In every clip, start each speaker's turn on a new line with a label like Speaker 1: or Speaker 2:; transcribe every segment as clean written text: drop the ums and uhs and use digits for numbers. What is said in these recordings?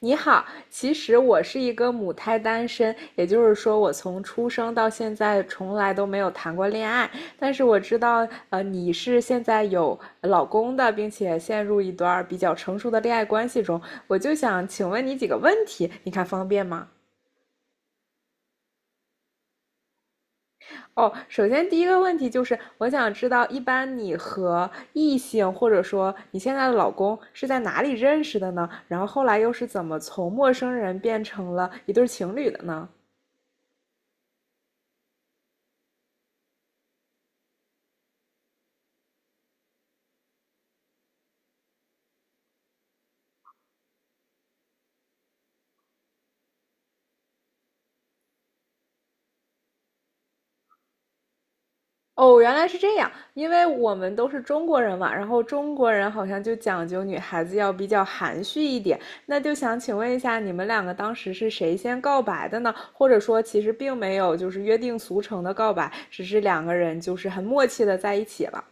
Speaker 1: 你好，其实我是一个母胎单身，也就是说，我从出生到现在从来都没有谈过恋爱。但是我知道，你是现在有老公的，并且陷入一段比较成熟的恋爱关系中。我就想请问你几个问题，你看方便吗？哦，首先第一个问题就是，我想知道，一般你和异性或者说你现在的老公是在哪里认识的呢？然后后来又是怎么从陌生人变成了一对情侣的呢？哦，原来是这样，因为我们都是中国人嘛，然后中国人好像就讲究女孩子要比较含蓄一点，那就想请问一下，你们两个当时是谁先告白的呢？或者说，其实并没有就是约定俗成的告白，只是两个人就是很默契的在一起了。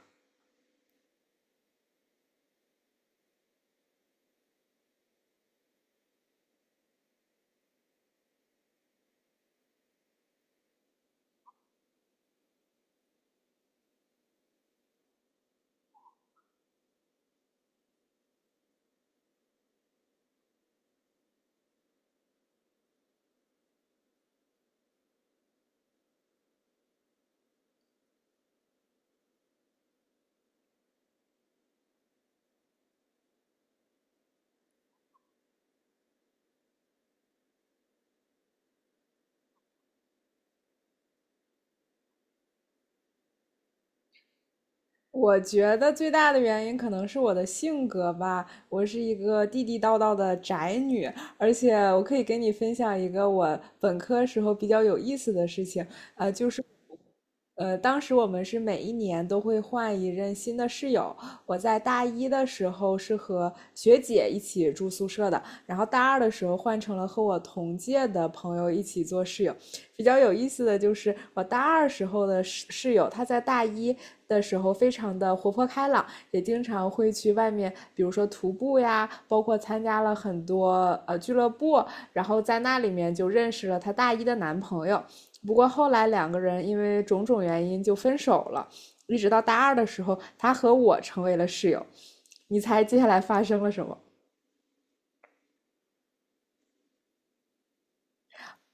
Speaker 1: 我觉得最大的原因可能是我的性格吧，我是一个地地道道的宅女，而且我可以跟你分享一个我本科时候比较有意思的事情。当时我们是每一年都会换一任新的室友。我在大一的时候是和学姐一起住宿舍的，然后大二的时候换成了和我同届的朋友一起做室友。比较有意思的就是，我大二时候的室友，他在大一的时候非常的活泼开朗，也经常会去外面，比如说徒步呀，包括参加了很多俱乐部，然后在那里面就认识了她大一的男朋友。不过后来两个人因为种种原因就分手了，一直到大二的时候，他和我成为了室友。你猜接下来发生了什么？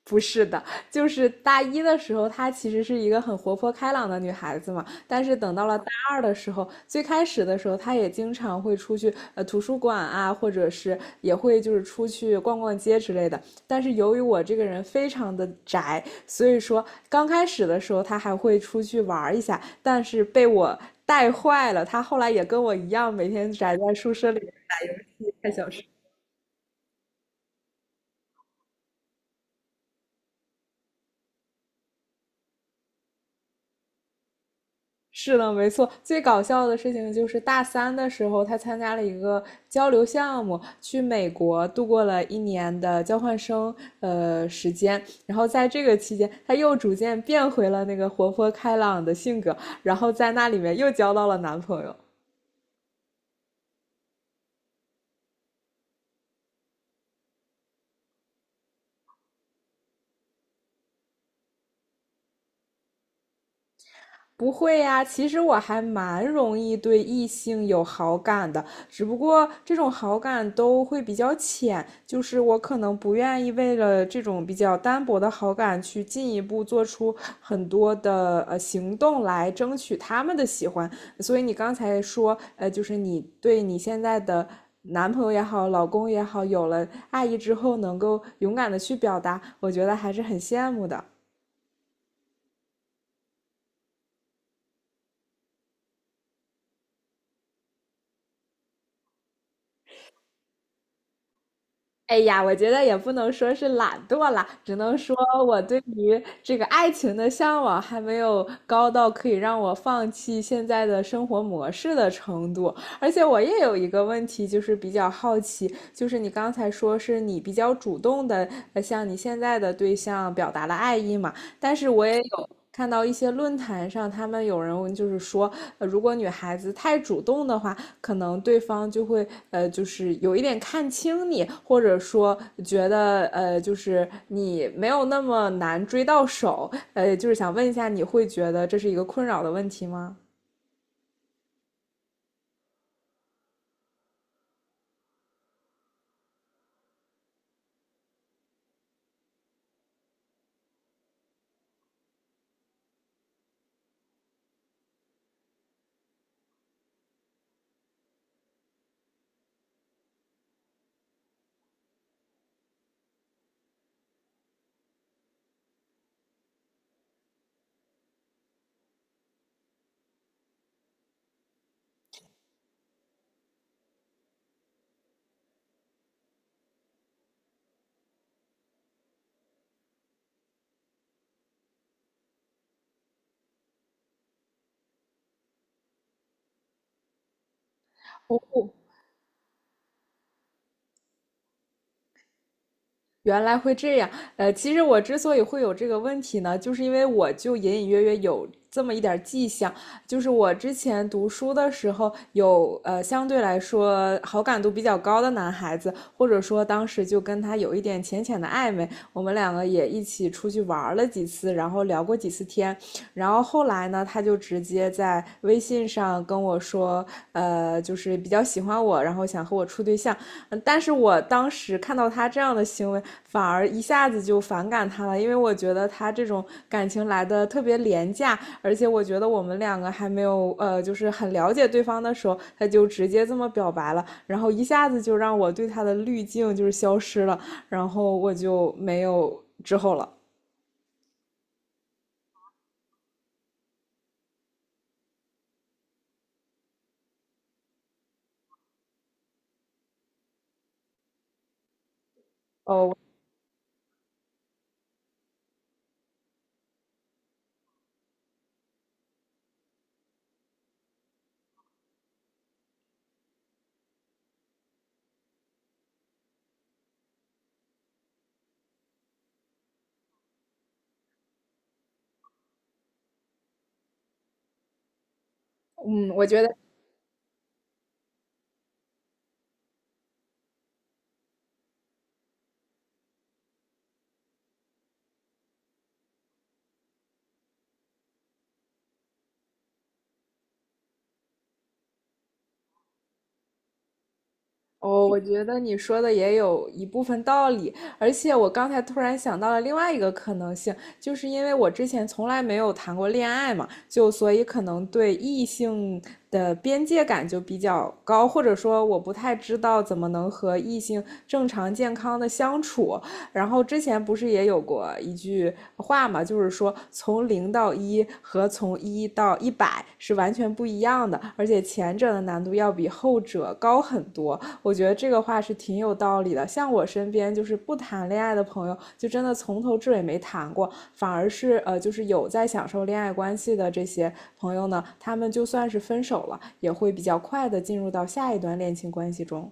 Speaker 1: 不是的，就是大一的时候，她其实是一个很活泼开朗的女孩子嘛。但是等到了大二的时候，最开始的时候，她也经常会出去图书馆啊，或者是也会就是出去逛逛街之类的。但是由于我这个人非常的宅，所以说刚开始的时候她还会出去玩一下，但是被我带坏了。她后来也跟我一样，每天宅在宿舍里面看小说。是的，没错。最搞笑的事情就是大三的时候，他参加了一个交流项目，去美国度过了一年的交换生时间。然后在这个期间，他又逐渐变回了那个活泼开朗的性格，然后在那里面又交到了男朋友。不会呀，其实我还蛮容易对异性有好感的，只不过这种好感都会比较浅，就是我可能不愿意为了这种比较单薄的好感去进一步做出很多的行动来争取他们的喜欢。所以你刚才说，就是你对你现在的男朋友也好，老公也好，有了爱意之后能够勇敢的去表达，我觉得还是很羡慕的。哎呀，我觉得也不能说是懒惰啦，只能说我对于这个爱情的向往还没有高到可以让我放弃现在的生活模式的程度。而且我也有一个问题，就是比较好奇，就是你刚才说是你比较主动的向你现在的对象表达了爱意嘛？但是我也有看到一些论坛上，他们有人就是说，如果女孩子太主动的话，可能对方就会就是有一点看轻你，或者说觉得就是你没有那么难追到手，就是想问一下，你会觉得这是一个困扰的问题吗？不。原来会这样，其实我之所以会有这个问题呢，就是因为我就隐隐约约有这么一点迹象，就是我之前读书的时候有相对来说好感度比较高的男孩子，或者说当时就跟他有一点浅浅的暧昧，我们两个也一起出去玩了几次，然后聊过几次天，然后后来呢，他就直接在微信上跟我说，就是比较喜欢我，然后想和我处对象。嗯，但是我当时看到他这样的行为，反而一下子就反感他了，因为我觉得他这种感情来的特别廉价，而且我觉得我们两个还没有就是很了解对方的时候，他就直接这么表白了，然后一下子就让我对他的滤镜就是消失了，然后我就没有之后了。哦，嗯，我觉得你说的也有一部分道理，而且我刚才突然想到了另外一个可能性，就是因为我之前从来没有谈过恋爱嘛，就所以可能对异性的边界感就比较高，或者说我不太知道怎么能和异性正常健康的相处，然后之前不是也有过一句话嘛，就是说从零到一和从一到一百是完全不一样的，而且前者的难度要比后者高很多。我觉得这个话是挺有道理的。像我身边就是不谈恋爱的朋友，就真的从头至尾没谈过，反而是就是有在享受恋爱关系的这些朋友呢，他们就算是分手了，也会比较快的进入到下一段恋情关系中。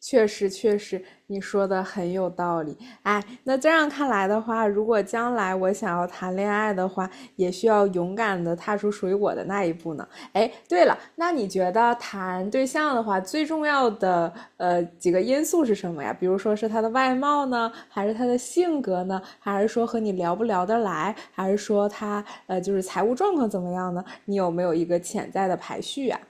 Speaker 1: 确实，确实，你说的很有道理。哎，那这样看来的话，如果将来我想要谈恋爱的话，也需要勇敢的踏出属于我的那一步呢。哎，对了，那你觉得谈对象的话，最重要的几个因素是什么呀？比如说是他的外貌呢，还是他的性格呢，还是说和你聊不聊得来，还是说他就是财务状况怎么样呢？你有没有一个潜在的排序啊？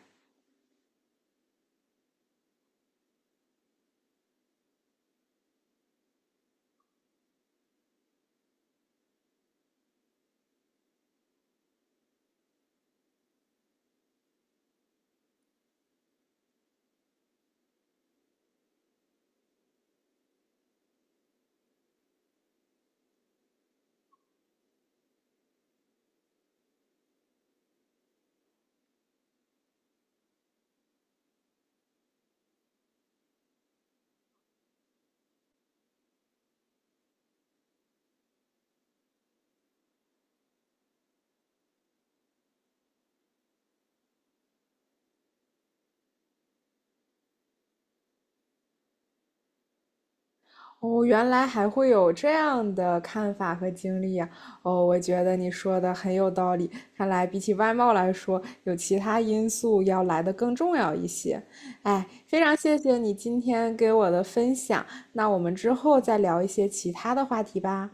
Speaker 1: 哦，原来还会有这样的看法和经历呀！哦，我觉得你说的很有道理。看来比起外貌来说，有其他因素要来的更重要一些。哎，非常谢谢你今天给我的分享。那我们之后再聊一些其他的话题吧。